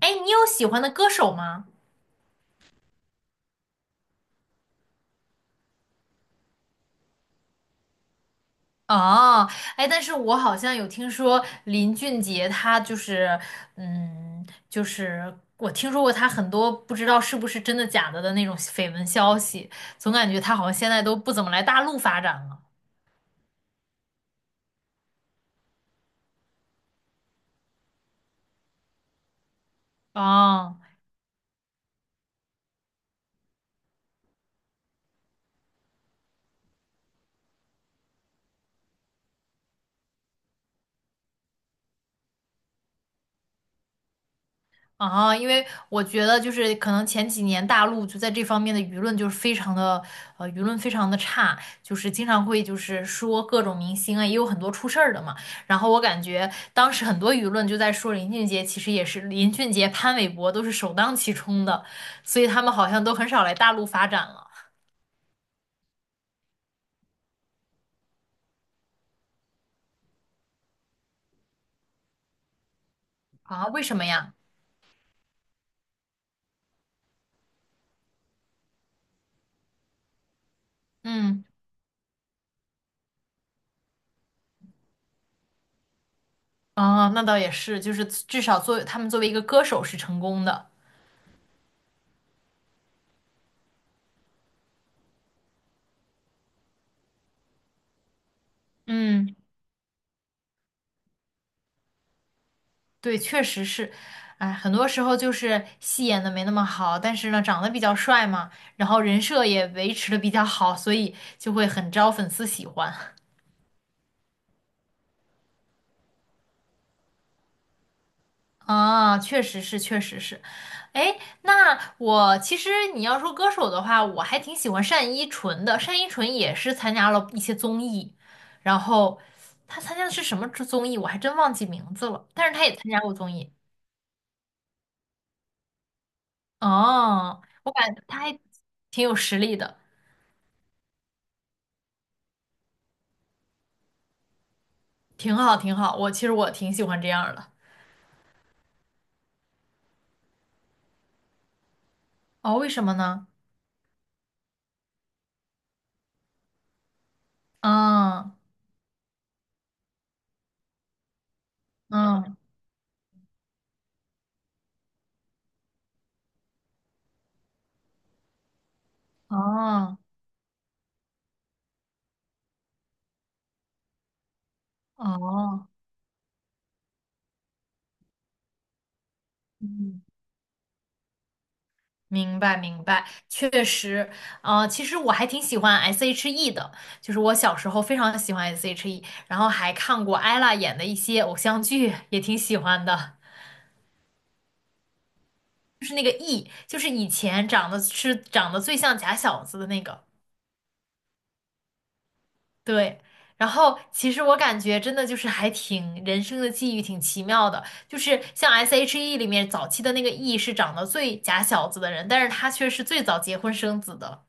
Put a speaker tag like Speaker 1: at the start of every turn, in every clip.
Speaker 1: 哎，你有喜欢的歌手吗？哦，哎，但是我好像有听说林俊杰，他就是，就是我听说过他很多不知道是不是真的假的的那种绯闻消息，总感觉他好像现在都不怎么来大陆发展了。哦。啊，因为我觉得就是可能前几年大陆就在这方面的舆论就是非常的，舆论非常的差，就是经常会就是说各种明星啊，也有很多出事儿的嘛。然后我感觉当时很多舆论就在说林俊杰，其实也是林俊杰、潘玮柏都是首当其冲的，所以他们好像都很少来大陆发展了啊？为什么呀？嗯，啊，那倒也是，就是至少作为他们作为一个歌手是成功的，嗯。对，确实是，哎，很多时候就是戏演的没那么好，但是呢，长得比较帅嘛，然后人设也维持的比较好，所以就会很招粉丝喜欢啊，确实是，确实是。哎，那我其实你要说歌手的话，我还挺喜欢单依纯的，单依纯也是参加了一些综艺，然后他参加的是什么综艺，我还真忘记名字了，但是他也参加过综艺，哦，我感觉他还挺有实力的。挺好，挺好。我其实我挺喜欢这样儿的。哦，为什么呢？嗯嗯哦哦，嗯，明白明白，确实。其实我还挺喜欢 S.H.E 的，就是我小时候非常喜欢 S.H.E，然后还看过 ella 演的一些偶像剧，也挺喜欢的。就是那个 E，就是以前长得是长得最像假小子的那个。对，然后其实我感觉真的就是还挺人生的际遇挺奇妙的，就是像 SHE 里面早期的那个 E 是长得最假小子的人，但是他却是最早结婚生子的，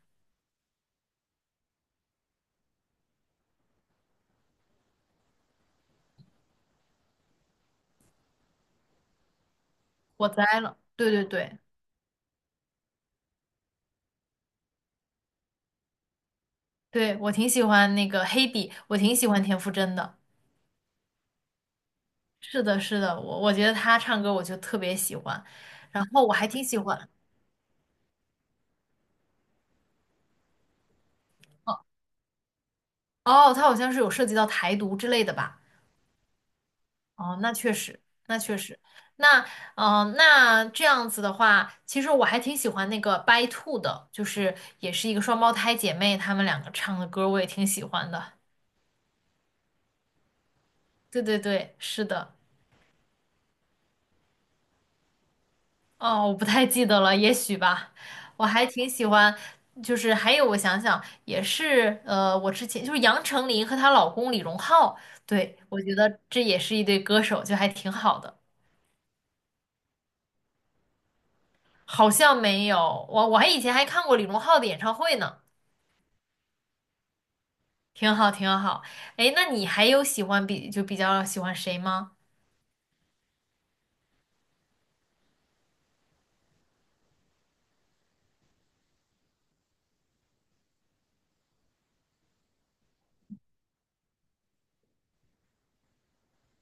Speaker 1: 我栽了。对对对对，我挺喜欢那个黑笔，我挺喜欢田馥甄的。是的，是的，我觉得他唱歌我就特别喜欢，然后我还挺喜欢哦，他好像是有涉及到台独之类的吧。哦，那确实，那确实，那那这样子的话，其实我还挺喜欢那个 By Two 的，就是也是一个双胞胎姐妹，她们两个唱的歌我也挺喜欢的。对对对，是的。哦，我不太记得了，也许吧。我还挺喜欢，就是还有我想想，也是我之前就是杨丞琳和她老公李荣浩，对，我觉得这也是一对歌手，就还挺好的。好像没有，我还以前还看过李荣浩的演唱会呢。挺好，挺好。哎，那你还有喜欢比就比较喜欢谁吗？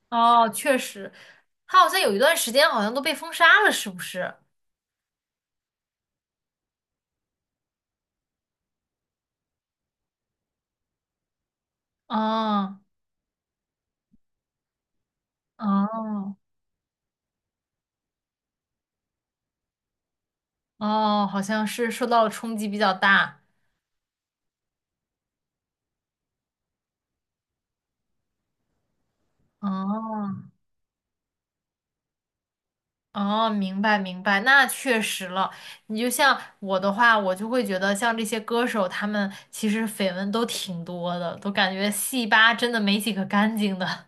Speaker 1: 哦，确实，他好像有一段时间好像都被封杀了，是不是？哦哦哦，好像是受到了冲击比较大。哦哦，明白明白，那确实了。你就像我的话，我就会觉得像这些歌手，他们其实绯闻都挺多的，都感觉戏吧真的没几个干净的。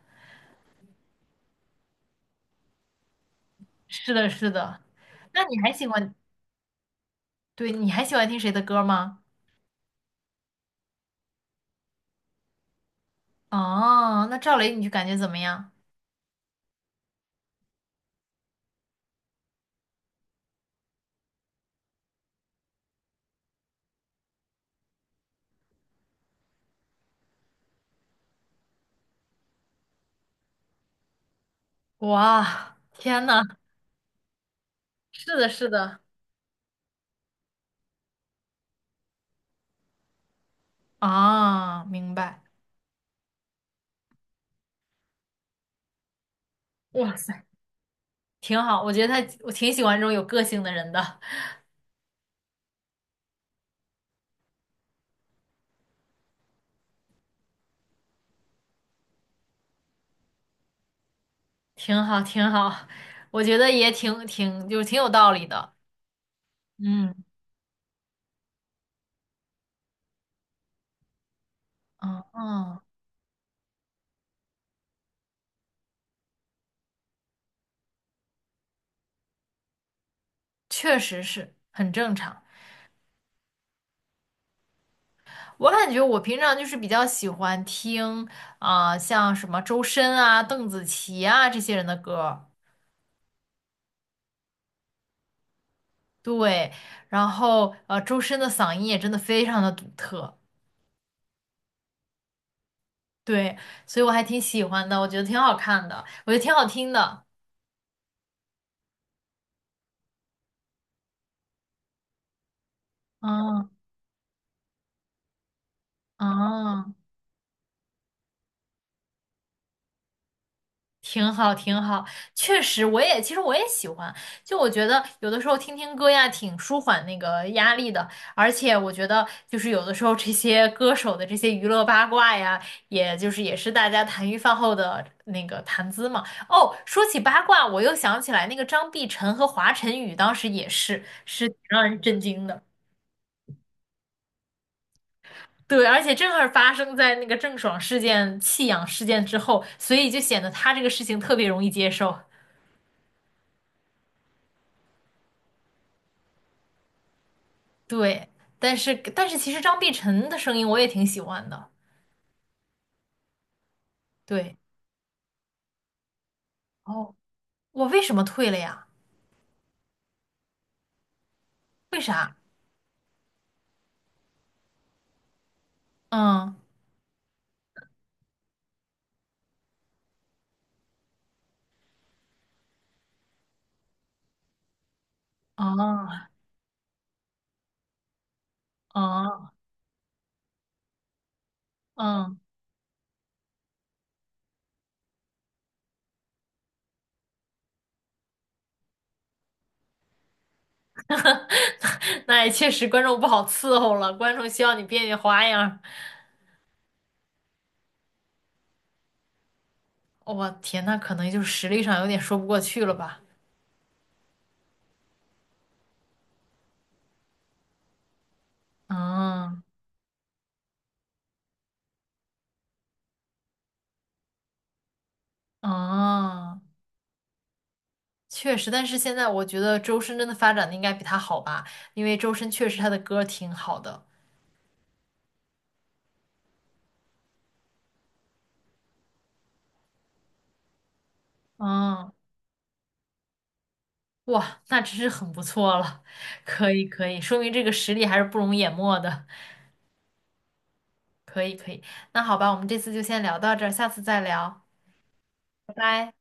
Speaker 1: 是的，是的。那你还喜欢，对，你还喜欢听谁的歌吗？哦，那赵雷你就感觉怎么样？哇，天呐，是的，是的，啊，明白，哇塞，挺好。我觉得他，我挺喜欢这种有个性的人的，挺好，挺好。我觉得也挺，就是挺有道理的。嗯嗯嗯，哦确实是很正常。我感觉我平常就是比较喜欢听啊、像什么周深啊、邓紫棋啊这些人的歌。对，然后周深的嗓音也真的非常的独特，对，所以我还挺喜欢的，我觉得挺好看的，我觉得挺好听的。嗯嗯，挺好，挺好，确实，我也其实我也喜欢。就我觉得有的时候听听歌呀，挺舒缓那个压力的。而且我觉得，就是有的时候这些歌手的这些娱乐八卦呀，也就是也是大家谈余饭后的那个谈资嘛。哦，说起八卦，我又想起来那个张碧晨和华晨宇当时也是，是挺让人震惊的。对，而且正好发生在那个郑爽事件、弃养事件之后，所以就显得他这个事情特别容易接受。对，但是其实张碧晨的声音我也挺喜欢的。对，哦，我为什么退了呀？为啥？嗯，啊啊嗯，那也确实观众不好伺候了，观众希望你变变花样儿我天，那可能就是实力上有点说不过去了吧？嗯嗯，确实，但是现在我觉得周深真的发展的应该比他好吧，因为周深确实他的歌挺好的。嗯。哇，那真是很不错了，可以可以，说明这个实力还是不容淹没的，可以可以，那好吧，我们这次就先聊到这儿，下次再聊，拜拜。